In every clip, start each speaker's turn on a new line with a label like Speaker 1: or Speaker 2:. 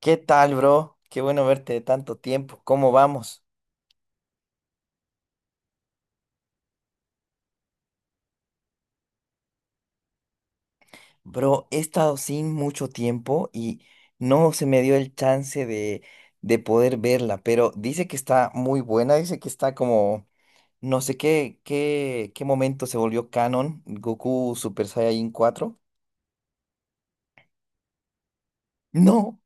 Speaker 1: ¿Qué tal, bro? Qué bueno verte de tanto tiempo. ¿Cómo vamos? Bro, he estado sin mucho tiempo y no se me dio el chance de poder verla, pero dice que está muy buena, dice que está como, no sé qué momento se volvió canon, Goku Super Saiyajin cuatro. No.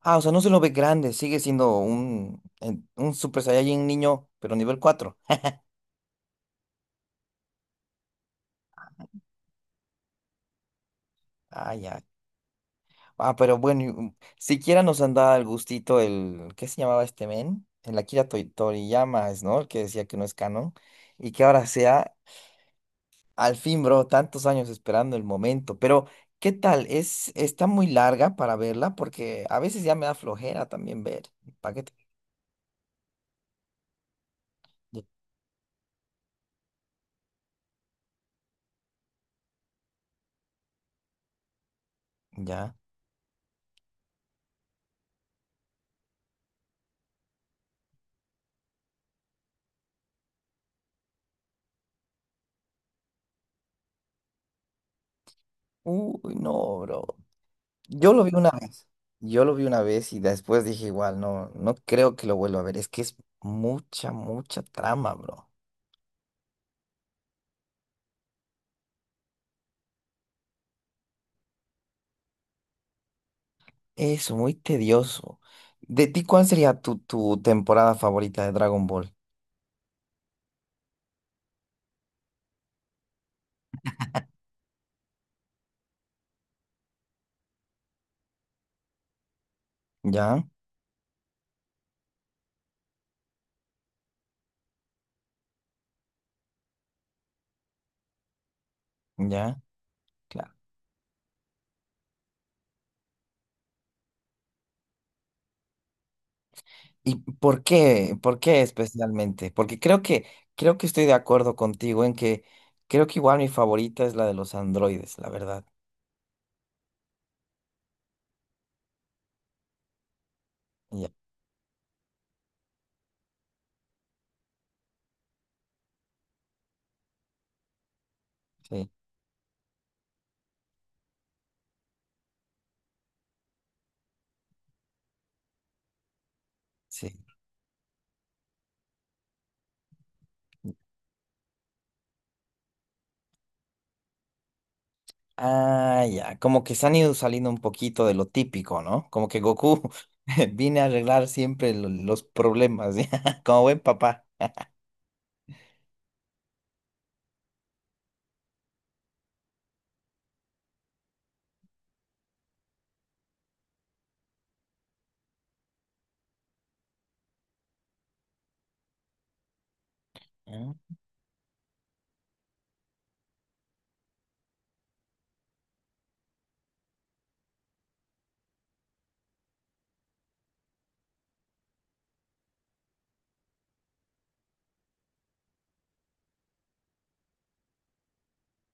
Speaker 1: Ah, o sea, no se lo ve grande, sigue siendo un Super Saiyajin niño, pero nivel 4. Ah, ya. Ah, pero bueno, siquiera nos han dado el gustito, ¿qué se llamaba este men? El Akira Toriyama, es, ¿no? El que decía que no es canon. Y que ahora sea, al fin, bro, tantos años esperando el momento. Pero, ¿qué tal? Está muy larga para verla porque a veces ya me da flojera también ver. ¿Para qué te- Ya. Uy, no, bro. Yo lo vi una vez. Yo lo vi una vez y después dije igual, no, no creo que lo vuelva a ver. Es que es mucha, mucha trama, bro. Eso, muy tedioso. ¿De ti cuál sería tu temporada favorita de Dragon Ball? ¿Ya? ¿Ya? Claro. ¿Y por qué? ¿Por qué especialmente? Porque creo que estoy de acuerdo contigo en que creo que igual mi favorita es la de los androides, la verdad. Ya, sí, sí. Ah, ya. Como que se han ido saliendo un poquito de lo típico, ¿no? Como que Goku viene a arreglar siempre los problemas, ¿ya? Como buen papá. Ah,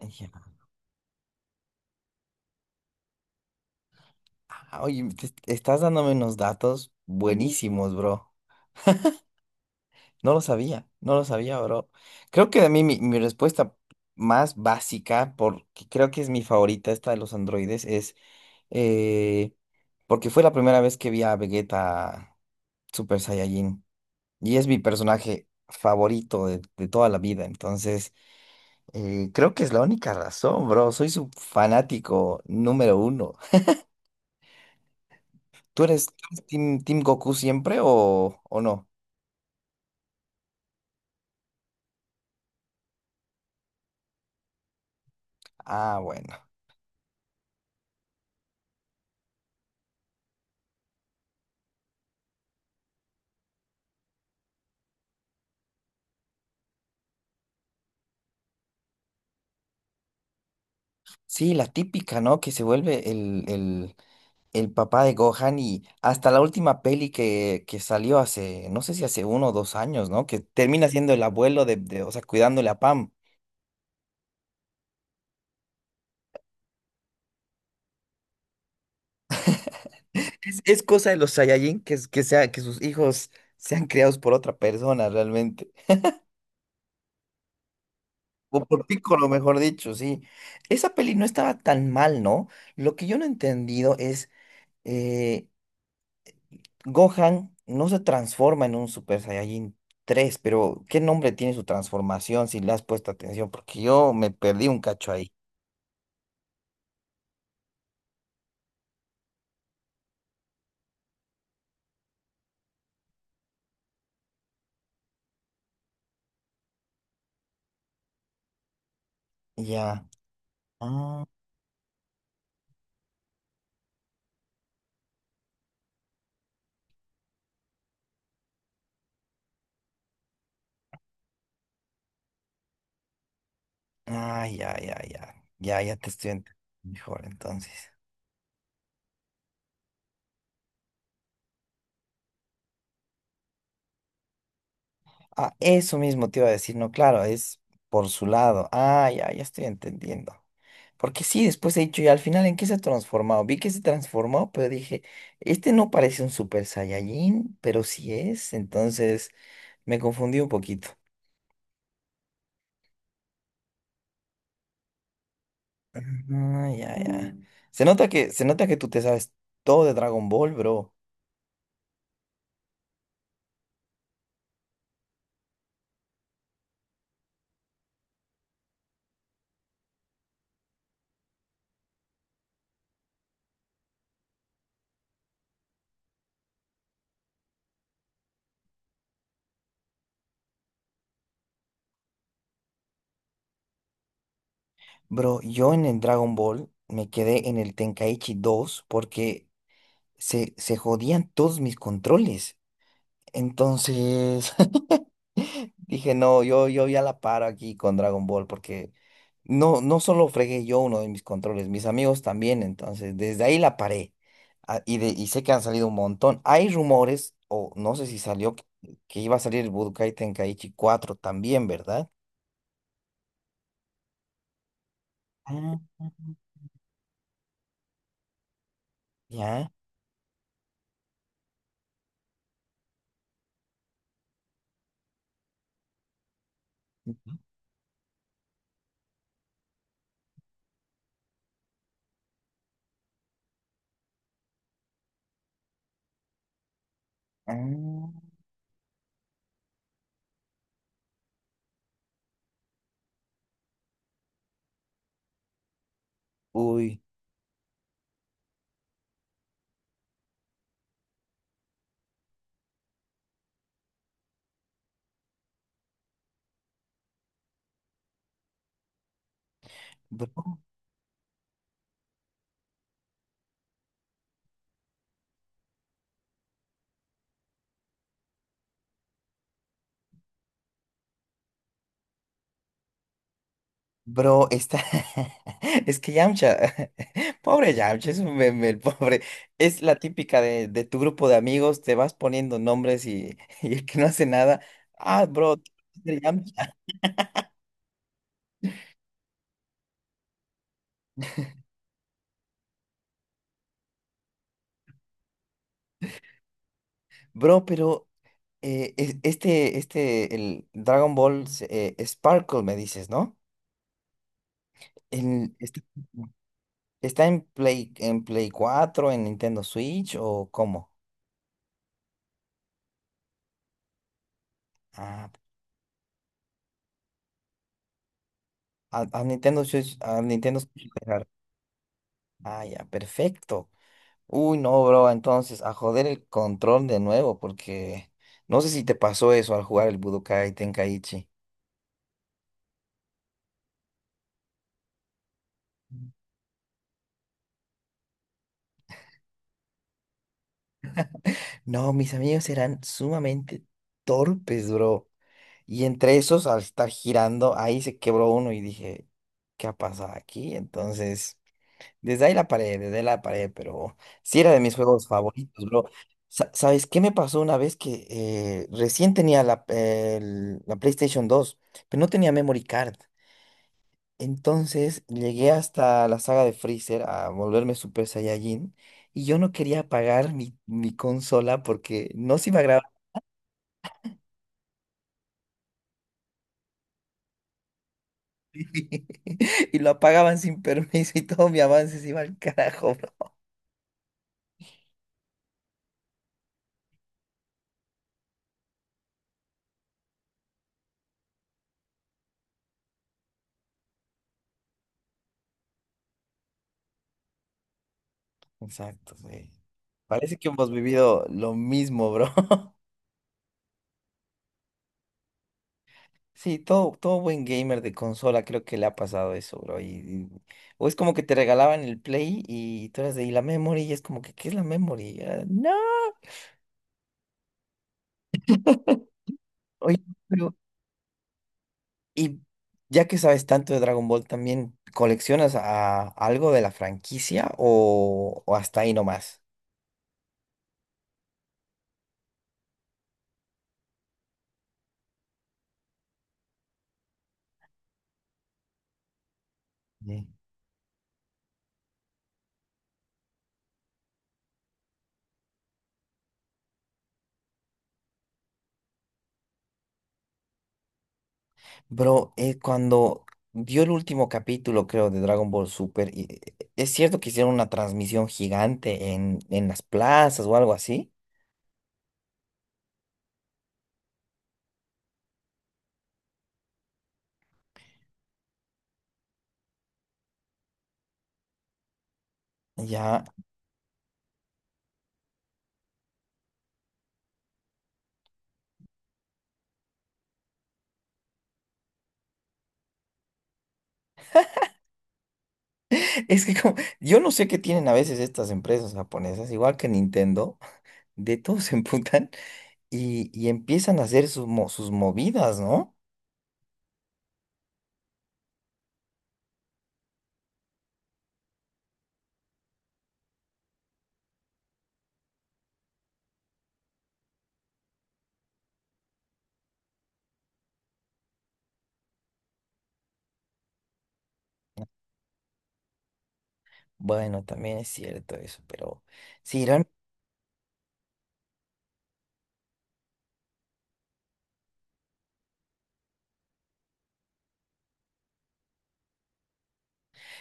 Speaker 1: ya. Ah, oye, te estás dándome unos datos buenísimos, bro. No lo sabía, no lo sabía, bro. Creo que a mí mi respuesta más básica, porque creo que es mi favorita, esta de los androides, es eh, porque fue la primera vez que vi a Vegeta Super Saiyajin. Y es mi personaje favorito de toda la vida. Entonces, creo que es la única razón, bro. Soy su fanático número uno. ¿Tú eres team Goku siempre o no? Ah, bueno. Sí, la típica, ¿no? Que se vuelve el papá de Gohan y hasta la última peli que salió hace, no sé si hace uno o dos años, ¿no? Que termina siendo el abuelo o sea, cuidándole a Pam. Es cosa de los Saiyajin que sus hijos sean criados por otra persona realmente. O por Piccolo, mejor dicho, sí. Esa peli no estaba tan mal, ¿no? Lo que yo no he entendido es... eh, Gohan no se transforma en un Super Saiyajin 3, pero ¿qué nombre tiene su transformación si le has puesto atención? Porque yo me perdí un cacho ahí. Ya. Ah, ah, ya, ya, ya. Ya, ya te estoy entendiendo mejor entonces. Ah, eso mismo te iba a decir, no, claro, es por su lado. Ah, ya, ya estoy entendiendo. Porque sí, después he dicho, y al final, ¿en qué se ha transformado? Vi que se transformó, pero dije, este no parece un Super Saiyajin, pero sí es, entonces me confundí un poquito. Ah, ya, ya. Mm. Se nota que tú te sabes todo de Dragon Ball, bro. Bro, yo en el Dragon Ball me quedé en el Tenkaichi dos porque se jodían todos mis controles. Entonces, dije, no, yo, ya la paro aquí con Dragon Ball porque no, no solo fregué yo uno de mis controles, mis amigos también, entonces desde ahí la paré. Ah, y sé que han salido un montón. Hay rumores, o no sé si salió, que iba a salir el Budokai Tenkaichi cuatro también, ¿verdad? Ah, ya. Ah, uy, bro. Bro, está. Es que Yamcha. Pobre Yamcha, es un meme, el pobre. Es la típica de tu grupo de amigos, te vas poniendo nombres y, y el que no hace nada. Ah, bro, tú eres Yamcha. Bro, pero este, el Dragon Ball Sparkle, me dices, ¿no? En- está, está en Play 4 en Nintendo Switch o cómo? Ah, a Nintendo Switch, a Nintendo Switch. Dejar. Ah, ya, perfecto. Uy, no, bro, entonces a joder el control de nuevo, porque no sé si te pasó eso al jugar el Budokai Tenkaichi. No, mis amigos eran sumamente torpes, bro. Y entre esos, al estar girando, ahí se quebró uno y dije, ¿qué ha pasado aquí? Entonces, desde ahí la paré, desde ahí la paré, pero sí era de mis juegos favoritos, bro. ¿Sabes qué me pasó una vez que recién tenía la PlayStation dos pero no tenía memory card? Entonces llegué hasta la saga de Freezer a volverme Super Saiyajin y yo no quería apagar mi consola porque no se iba a grabar y lo apagaban sin permiso y todo mi avance se iba al carajo, bro. Exacto, güey. Parece que hemos vivido lo mismo, bro. Sí, todo, todo buen gamer de consola creo que le ha pasado eso, bro. O es como que te regalaban el Play y tú eras y la memory y es como que, ¿qué es la memory? Ah, no. Oye, pero Y ya que sabes tanto de Dragon Ball, ¿también coleccionas algo de la franquicia o hasta ahí nomás? Sí. Bro, cuando vio el último capítulo, creo, de Dragon Ball Super, es cierto que hicieron una transmisión gigante en las plazas o algo así. Ya, es que como, yo no sé qué tienen a veces estas empresas japonesas, igual que Nintendo, de todos se emputan y empiezan a hacer sus movidas, ¿no? Bueno, también es cierto eso, pero sí, real-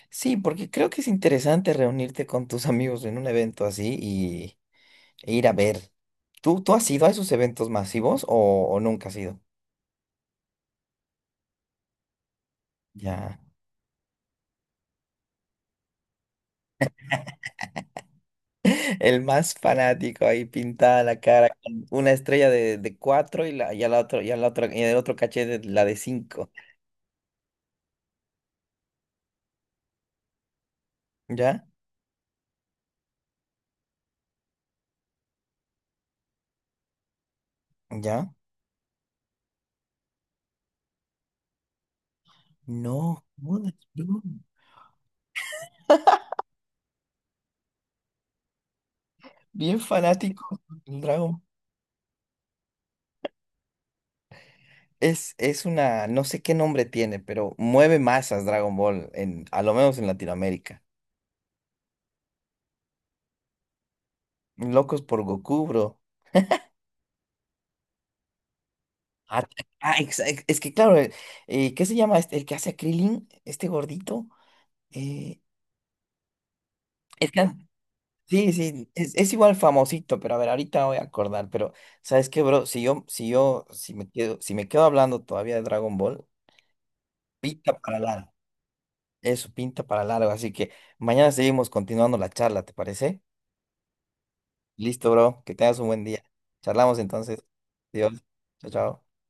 Speaker 1: sí, porque creo que es interesante reunirte con tus amigos en un evento así e ir a ver. ¿Tú has ido a esos eventos masivos o nunca has ido? Ya. El más fanático ahí pintada la cara con una estrella de cuatro y a la otra, y a la otra, y en el otro cachete la de cinco. ¿Ya? ¿Ya? No, ¿cómo no? Bien fanático del Dragon. Es una, no sé qué nombre tiene, pero mueve masas Dragon Ball, a lo menos en Latinoamérica. Locos por Goku, bro. Ah, ah, es que claro, ¿qué se llama este? El que hace a Krillin, este gordito. Eh, el que sí, sí, es igual famosito, pero a ver, ahorita me voy a acordar, pero ¿sabes qué, bro? Si me quedo hablando todavía de Dragon Ball, pinta para largo. Eso, pinta para largo. Así que mañana seguimos continuando la charla, ¿te parece? Listo, bro. Que tengas un buen día. Charlamos entonces. Dios. Chao, chao.